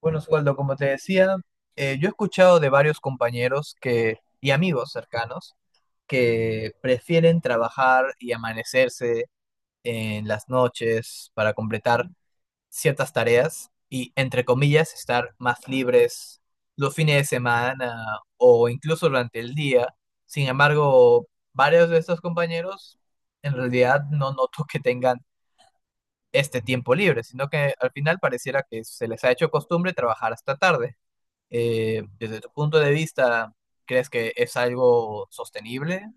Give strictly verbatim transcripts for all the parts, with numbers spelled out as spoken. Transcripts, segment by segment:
Bueno, Osvaldo, como te decía, eh, yo he escuchado de varios compañeros que, y amigos cercanos que prefieren trabajar y amanecerse en las noches para completar ciertas tareas y, entre comillas, estar más libres los fines de semana o incluso durante el día. Sin embargo, varios de estos compañeros en realidad no noto que tengan este tiempo libre, sino que al final pareciera que se les ha hecho costumbre trabajar hasta tarde. Eh, desde tu punto de vista, ¿crees que es algo sostenible?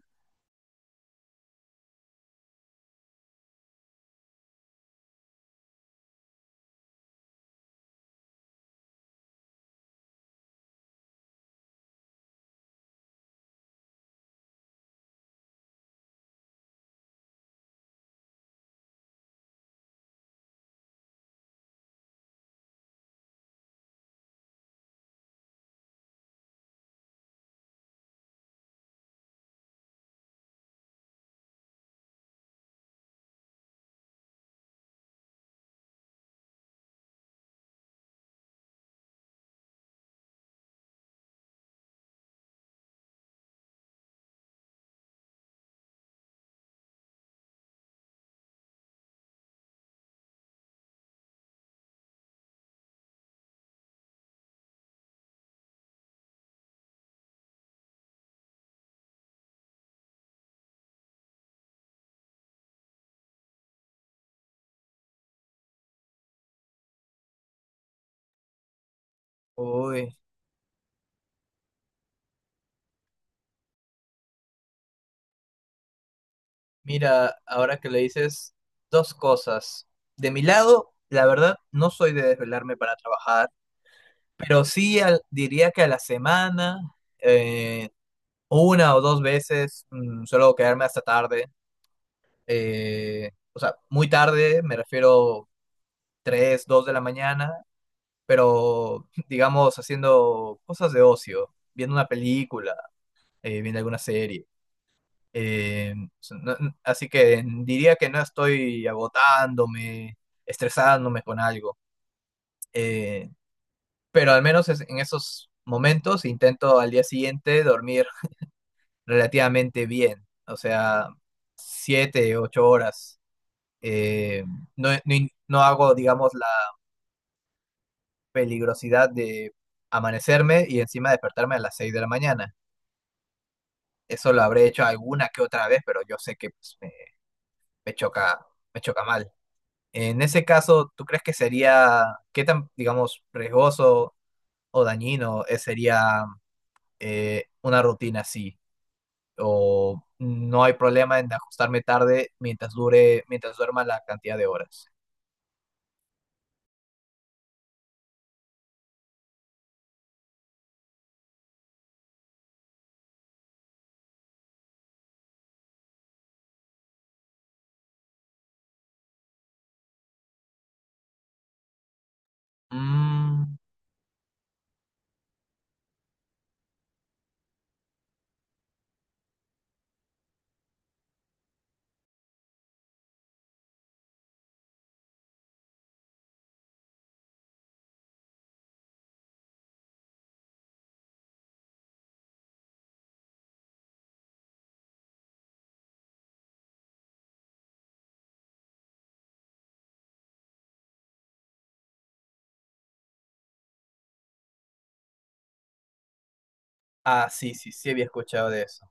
Uy, mira, ahora que le dices dos cosas. De mi lado, la verdad, no soy de desvelarme para trabajar, pero sí al- diría que a la semana, eh, una o dos veces, mm, suelo quedarme hasta tarde. Eh, o sea, muy tarde, me refiero tres, dos de la mañana, pero digamos haciendo cosas de ocio, viendo una película eh, viendo alguna serie. Eh, so- no- n- Así que diría que no estoy agotándome, estresándome con algo. Eh, pero al menos es- en esos momentos intento al día siguiente dormir relativamente bien. O sea, siete, ocho horas. Eh, no, no in- no hago, digamos, la peligrosidad de amanecerme y encima despertarme a las seis de la mañana. Eso lo habré hecho alguna que otra vez, pero yo sé que pues, me, me choca, me choca mal. En ese caso, ¿tú crees que sería, qué tan, digamos, riesgoso o dañino eh, sería eh, una rutina así? ¿O no hay problema en ajustarme tarde mientras dure, mientras duerma la cantidad de horas? Mm, ah, sí, sí, sí había escuchado de eso.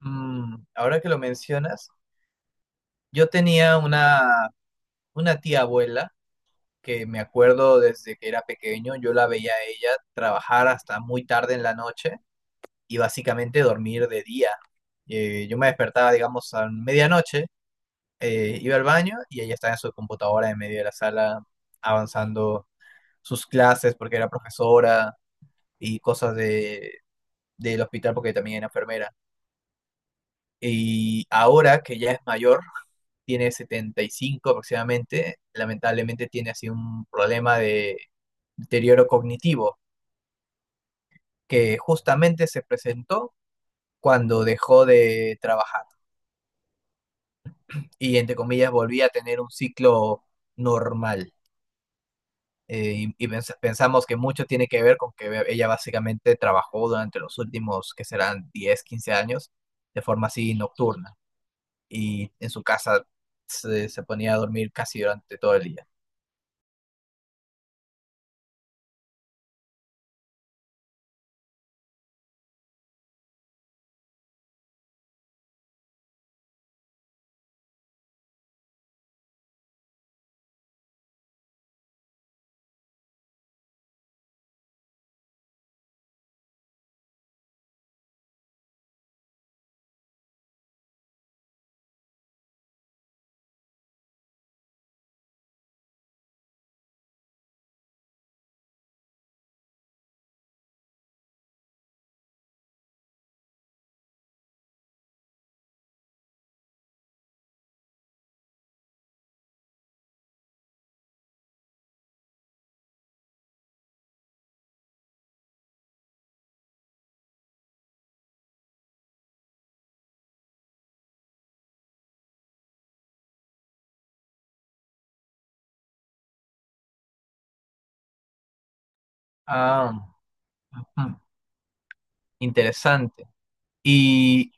Mm, ahora que lo mencionas, yo tenía una, una tía abuela que me acuerdo desde que era pequeño, yo la veía a ella trabajar hasta muy tarde en la noche y básicamente dormir de día. Eh, yo me despertaba, digamos, a medianoche, eh, iba al baño y ella estaba en su computadora en medio de la sala avanzando sus clases porque era profesora y cosas de, del hospital porque también era enfermera. Y ahora que ya es mayor, tiene setenta y cinco aproximadamente, lamentablemente tiene así un problema de deterioro cognitivo que justamente se presentó cuando dejó de trabajar. Y entre comillas volvía a tener un ciclo normal. Eh, y y pens- pensamos que mucho tiene que ver con que be- ella básicamente trabajó durante los últimos, que serán diez quince años, de forma así nocturna. Y en su casa se, se ponía a dormir casi durante todo el día. Ah, ujú, interesante. ¿Y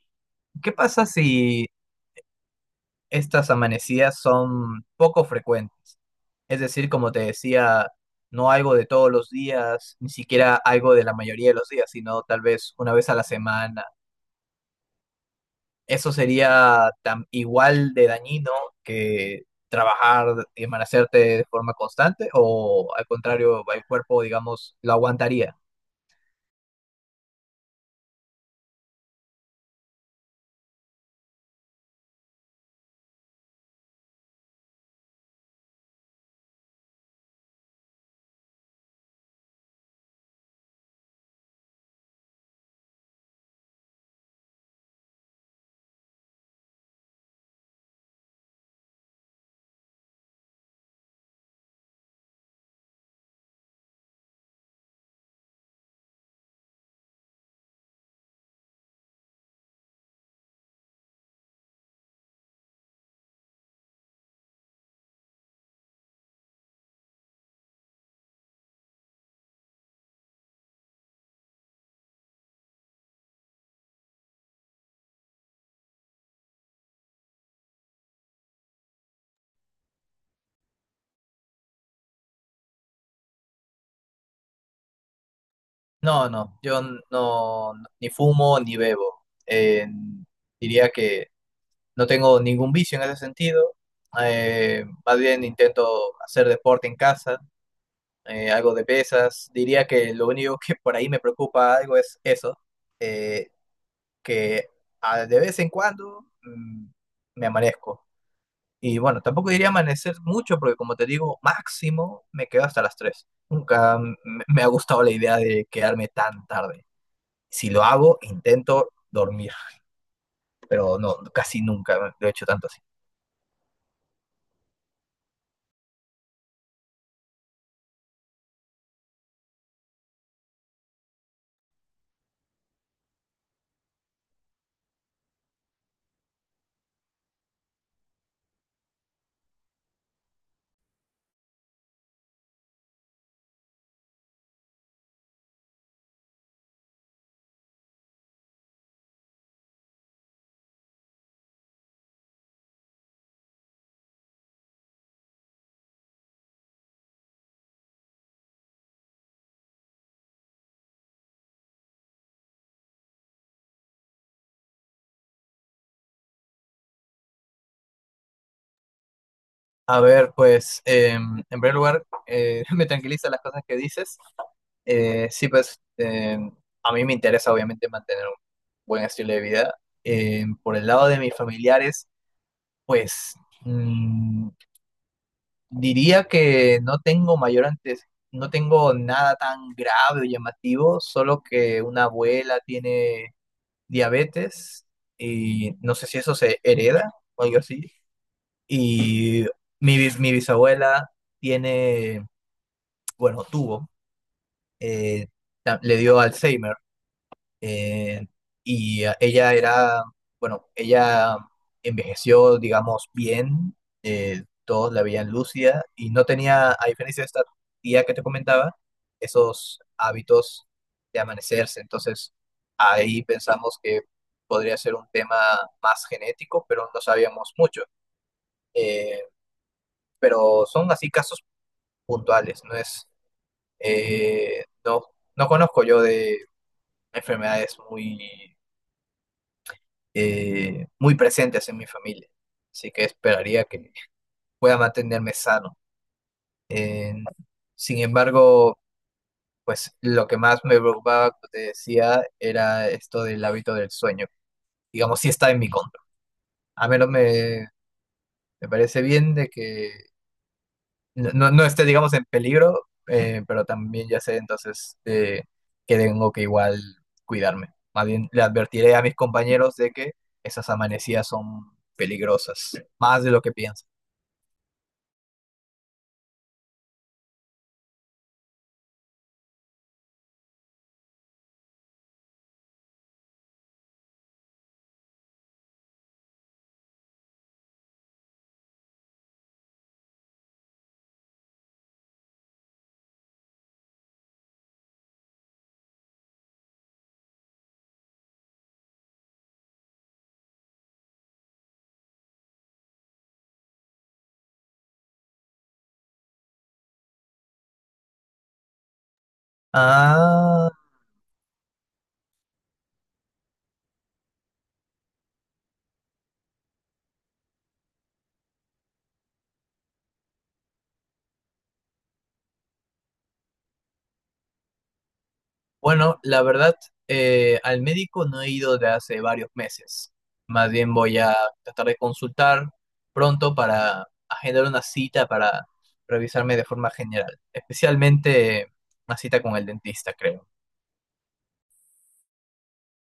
qué pasa si estas amanecidas son poco frecuentes? Es decir, como te decía, no algo de todos los días, ni siquiera algo de la mayoría de los días, sino tal vez una vez a la semana. Eso sería tan igual de dañino que trabajar y amanecerte de forma constante, o al contrario, el cuerpo, digamos, lo aguantaría. No, no, yo n- no, n- ni fumo ni bebo. Eh, diría que no tengo ningún vicio en ese sentido. Eh, más bien intento hacer deporte en casa eh, algo de pesas. Diría que lo único que por ahí me preocupa algo es eso, eh, que a- de vez en cuando mm, me amanezco. Y bueno, tampoco diría amanecer mucho porque como te digo, máximo me quedo hasta las tres. Nunca mm, me me ha gustado la idea de quedarme tan tarde. Si lo hago, intento dormir, pero no, casi nunca lo he hecho tanto así. A ver, pues em, en primer lugar, eh, me tranquilizan las cosas que dices. Eh, sí, pues eh, a mí me interesa obviamente mantener un buen estilo de vida. Eh, por el lado de mis familiares, pues mm, diría que no tengo mayor antes, no tengo nada tan grave o llamativo, solo que una abuela tiene diabetes y no sé si eso se hereda o algo así. Y mi, bis- mi bisabuela tiene, bueno, tuvo, eh, ta- le dio Alzheimer eh, y eh, ella era, bueno, ella envejeció, digamos, bien, eh, todos la veían lúcida y no tenía, a diferencia de esta tía que te comentaba, esos hábitos de amanecerse. Entonces, ahí pensamos que podría ser un tema más genético, pero no sabíamos mucho. Eh, pero son así casos puntuales, no es, eh, no, no conozco yo de enfermedades muy eh, muy presentes en mi familia. Así que esperaría que pueda mantenerme sano. Eh, Sin embargo, pues lo que más me preocupaba, como te decía, era esto del hábito del sueño. Digamos, sí está en mi contra. A menos me, me parece bien de que no, no no esté, digamos, en peligro, eh, pero también ya sé entonces eh, que tengo que igual cuidarme. Más bien le advertiré a mis compañeros de que esas amanecidas son peligrosas, más de lo que piensan. Ah, bueno, la verdad, eh, al médico no he ido de hace varios meses. Más bien voy a tratar de consultar pronto para agendar una cita para revisarme de forma general, especialmente una cita con el dentista, creo.